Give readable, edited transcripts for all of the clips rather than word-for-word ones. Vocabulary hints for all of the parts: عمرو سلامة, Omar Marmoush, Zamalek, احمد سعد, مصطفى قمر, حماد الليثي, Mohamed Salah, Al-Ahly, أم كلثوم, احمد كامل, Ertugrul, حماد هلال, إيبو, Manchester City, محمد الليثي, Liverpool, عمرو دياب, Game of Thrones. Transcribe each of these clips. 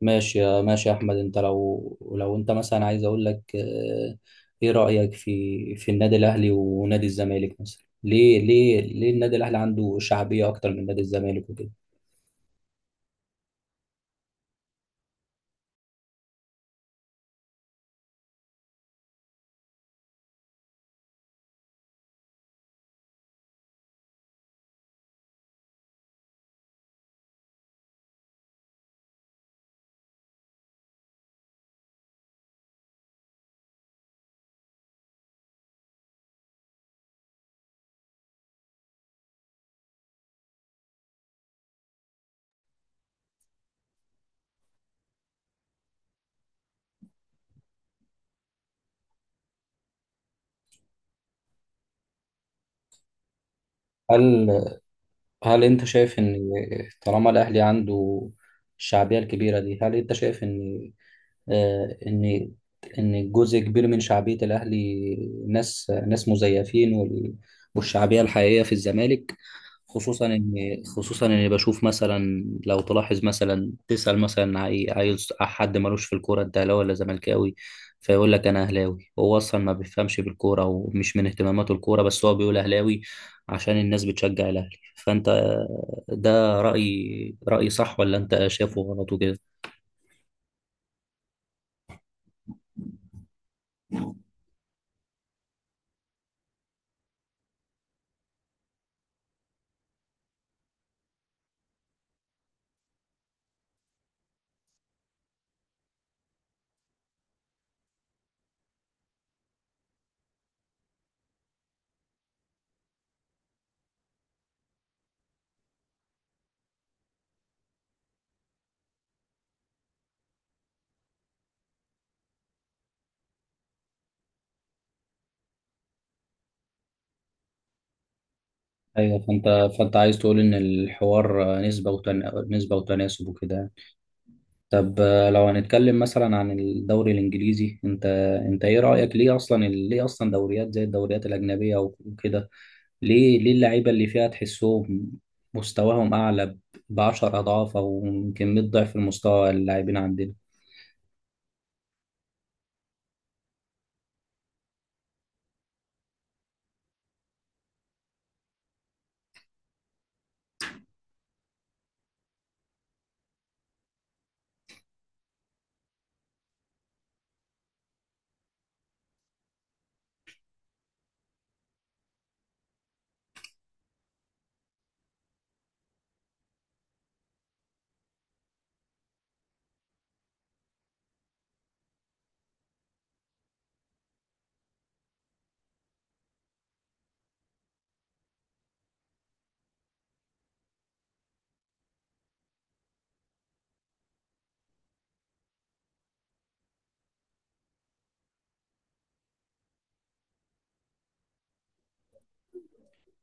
ماشي يا احمد انت لو انت مثلا عايز اقول لك ايه رايك في النادي الاهلي ونادي الزمالك مثلا ليه النادي الاهلي عنده شعبيه اكتر من نادي الزمالك وكده. هل هل انت شايف ان طالما الاهلي عنده الشعبيه الكبيره دي؟ هل انت شايف ان آه، ان ان جزء كبير من شعبيه الاهلي ناس مزيفين والشعبيه الحقيقيه في الزمالك؟ خصوصا ان خصوصا اني بشوف مثلا، لو تلاحظ مثلا تسال مثلا حد ملوش في الكوره انت اهلاوي ولا زملكاوي، فيقول لك انا اهلاوي. هو اصلا ما بيفهمش بالكوره ومش من اهتماماته الكوره، بس هو بيقول اهلاوي عشان الناس بتشجع الاهلي. فانت ده رايي صح ولا انت شايفه غلط وكده؟ ايوه، فانت عايز تقول ان الحوار نسبه نسبه وتناسب وكده. طب لو هنتكلم مثلا عن الدوري الانجليزي، انت ايه رايك؟ ليه اصلا ليه اصلا دوريات زي الدوريات الاجنبيه وكده؟ ليه اللعيبه اللي فيها تحسهم مستواهم اعلى ب 10 اضعاف او يمكن 100 ضعف المستوى اللاعبين عندنا؟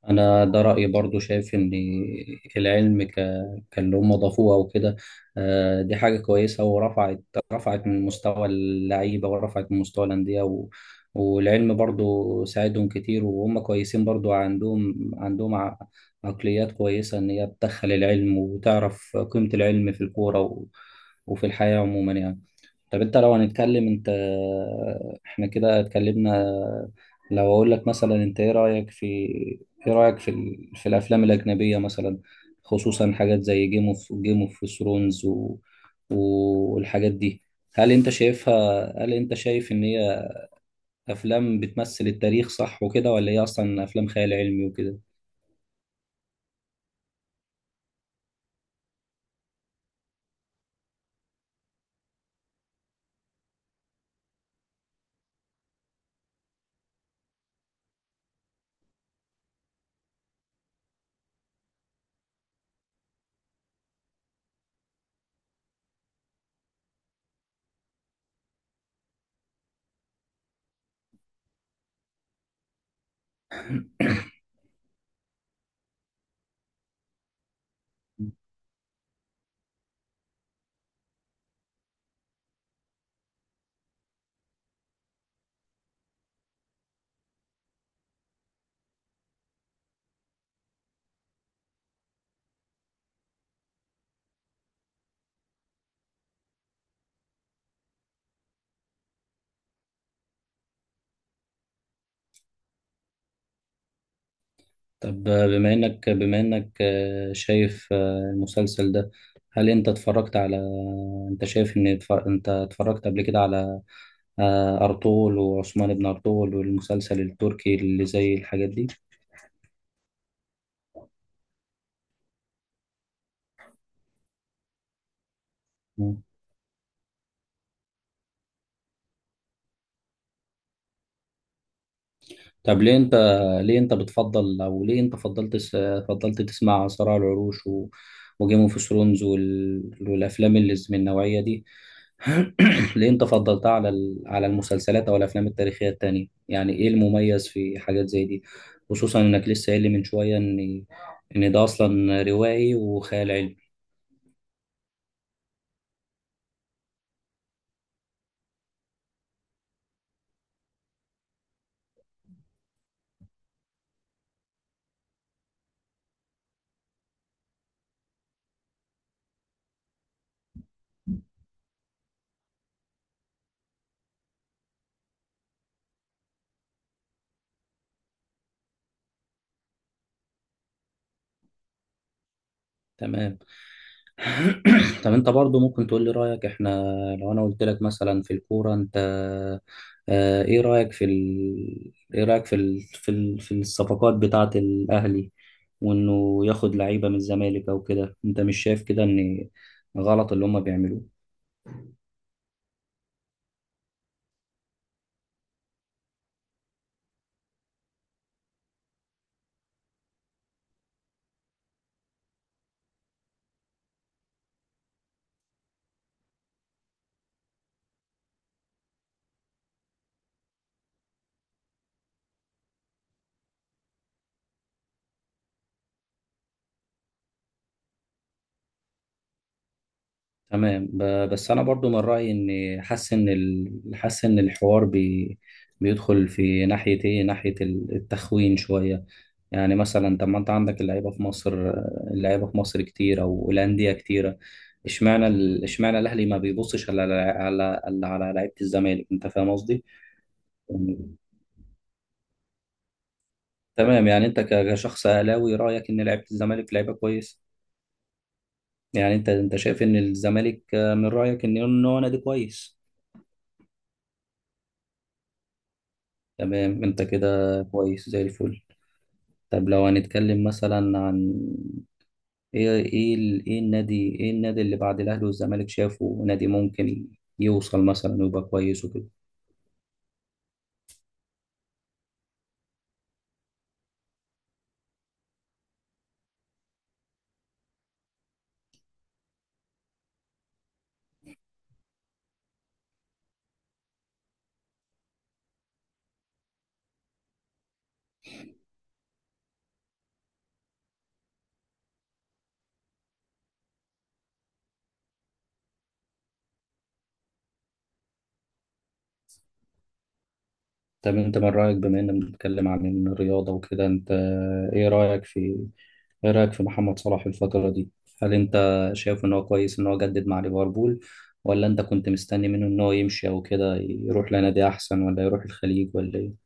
أنا ده رأيي برضو، شايف إن العلم كاللي هم ضافوه أو كده دي حاجة كويسة، رفعت من مستوى اللعيبة ورفعت من مستوى الأندية. والعلم برضو ساعدهم كتير، وهم كويسين برضو عندهم عقليات كويسة، إن هي بتدخل العلم وتعرف قيمة العلم في الكورة و... وفي الحياة عموما يعني. طب انت لو هنتكلم، انت احنا كده اتكلمنا. لو اقول لك مثلا انت ايه رأيك في في الافلام الأجنبية مثلا، خصوصا حاجات زي جيم اوف ثرونز و... والحاجات دي؟ هل انت شايفها، هل انت شايف ان هي افلام بتمثل التاريخ صح وكده، ولا هي اصلا افلام خيال علمي وكده؟ طب بما انك آه، شايف آه، المسلسل ده، هل انت اتفرجت على، انت شايف ان انت اتفرجت قبل كده على ارطغرل وعثمان بن ارطغرل والمسلسل التركي اللي زي الحاجات دي؟ مم. طب ليه ليه انت بتفضل، او ليه انت فضلت تسمع صراع العروش و وجيم اوف ثرونز والافلام اللي من النوعية دي؟ ليه انت فضلتها على على المسلسلات او الافلام التاريخيه التانية؟ يعني ايه المميز في حاجات زي دي، خصوصا انك لسه قايل لي من شويه ان ان ده اصلا روائي وخيال علمي؟ تمام. طب انت برضو ممكن تقول لي رايك. احنا لو انا قلت لك مثلا في الكوره، انت اه، ايه رايك في ال... ايه رايك في ال... في ال... في الصفقات بتاعه الاهلي وانه ياخد لعيبه من الزمالك او كده؟ انت مش شايف كده ان غلط اللي هم بيعملوه؟ تمام، بس انا برضو من رايي ان، حاسس ان حاسس ان الحوار بيدخل في ناحيه ايه، ناحيه التخوين شويه. يعني مثلا طب ما انت عندك اللعيبه في مصر، اللعيبه في مصر كتير او الانديه كتيره. اشمعنى اشمعنى الاهلي ما بيبصش على لعيبه الزمالك؟ انت فاهم قصدي؟ يعني تمام. يعني انت كشخص اهلاوي رايك ان لعيبه الزمالك لعيبه كويس؟ يعني انت شايف ان الزمالك، من رايك ان إن هو نادي كويس؟ تمام، انت كده كويس زي الفل. طب لو هنتكلم مثلا عن ايه، ايه النادي اللي بعد الاهلي والزمالك شافه نادي ممكن يوصل مثلا ويبقى كويس وكده؟ طب انت من رايك، بما اننا بنتكلم عن الرياضه وكده، انت ايه رايك في محمد صلاح الفتره دي؟ هل انت شايف ان هو كويس ان هو جدد مع ليفربول؟ ولا انت كنت مستني منه ان هو يمشي او كده، يروح لنادي احسن، ولا يروح الخليج، ولا ايه؟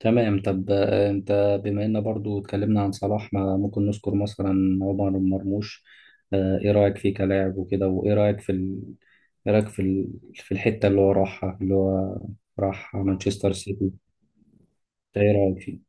تمام. طب انت بما ان برضو اتكلمنا عن صلاح، ما ممكن نذكر مثلا عمر مرموش. ايه رأيك فيه كلاعب وكده، وايه رأيك في ال... ايه رأيك في ال... في الحتة اللي هو راحها، اللي هو راح مانشستر سيتي؟ انت ايه رأيك فيه؟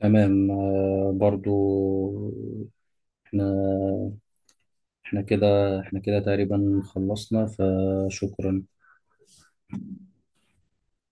تمام. برضو احنا، احنا كده احنا كده تقريبا خلصنا، فشكرا.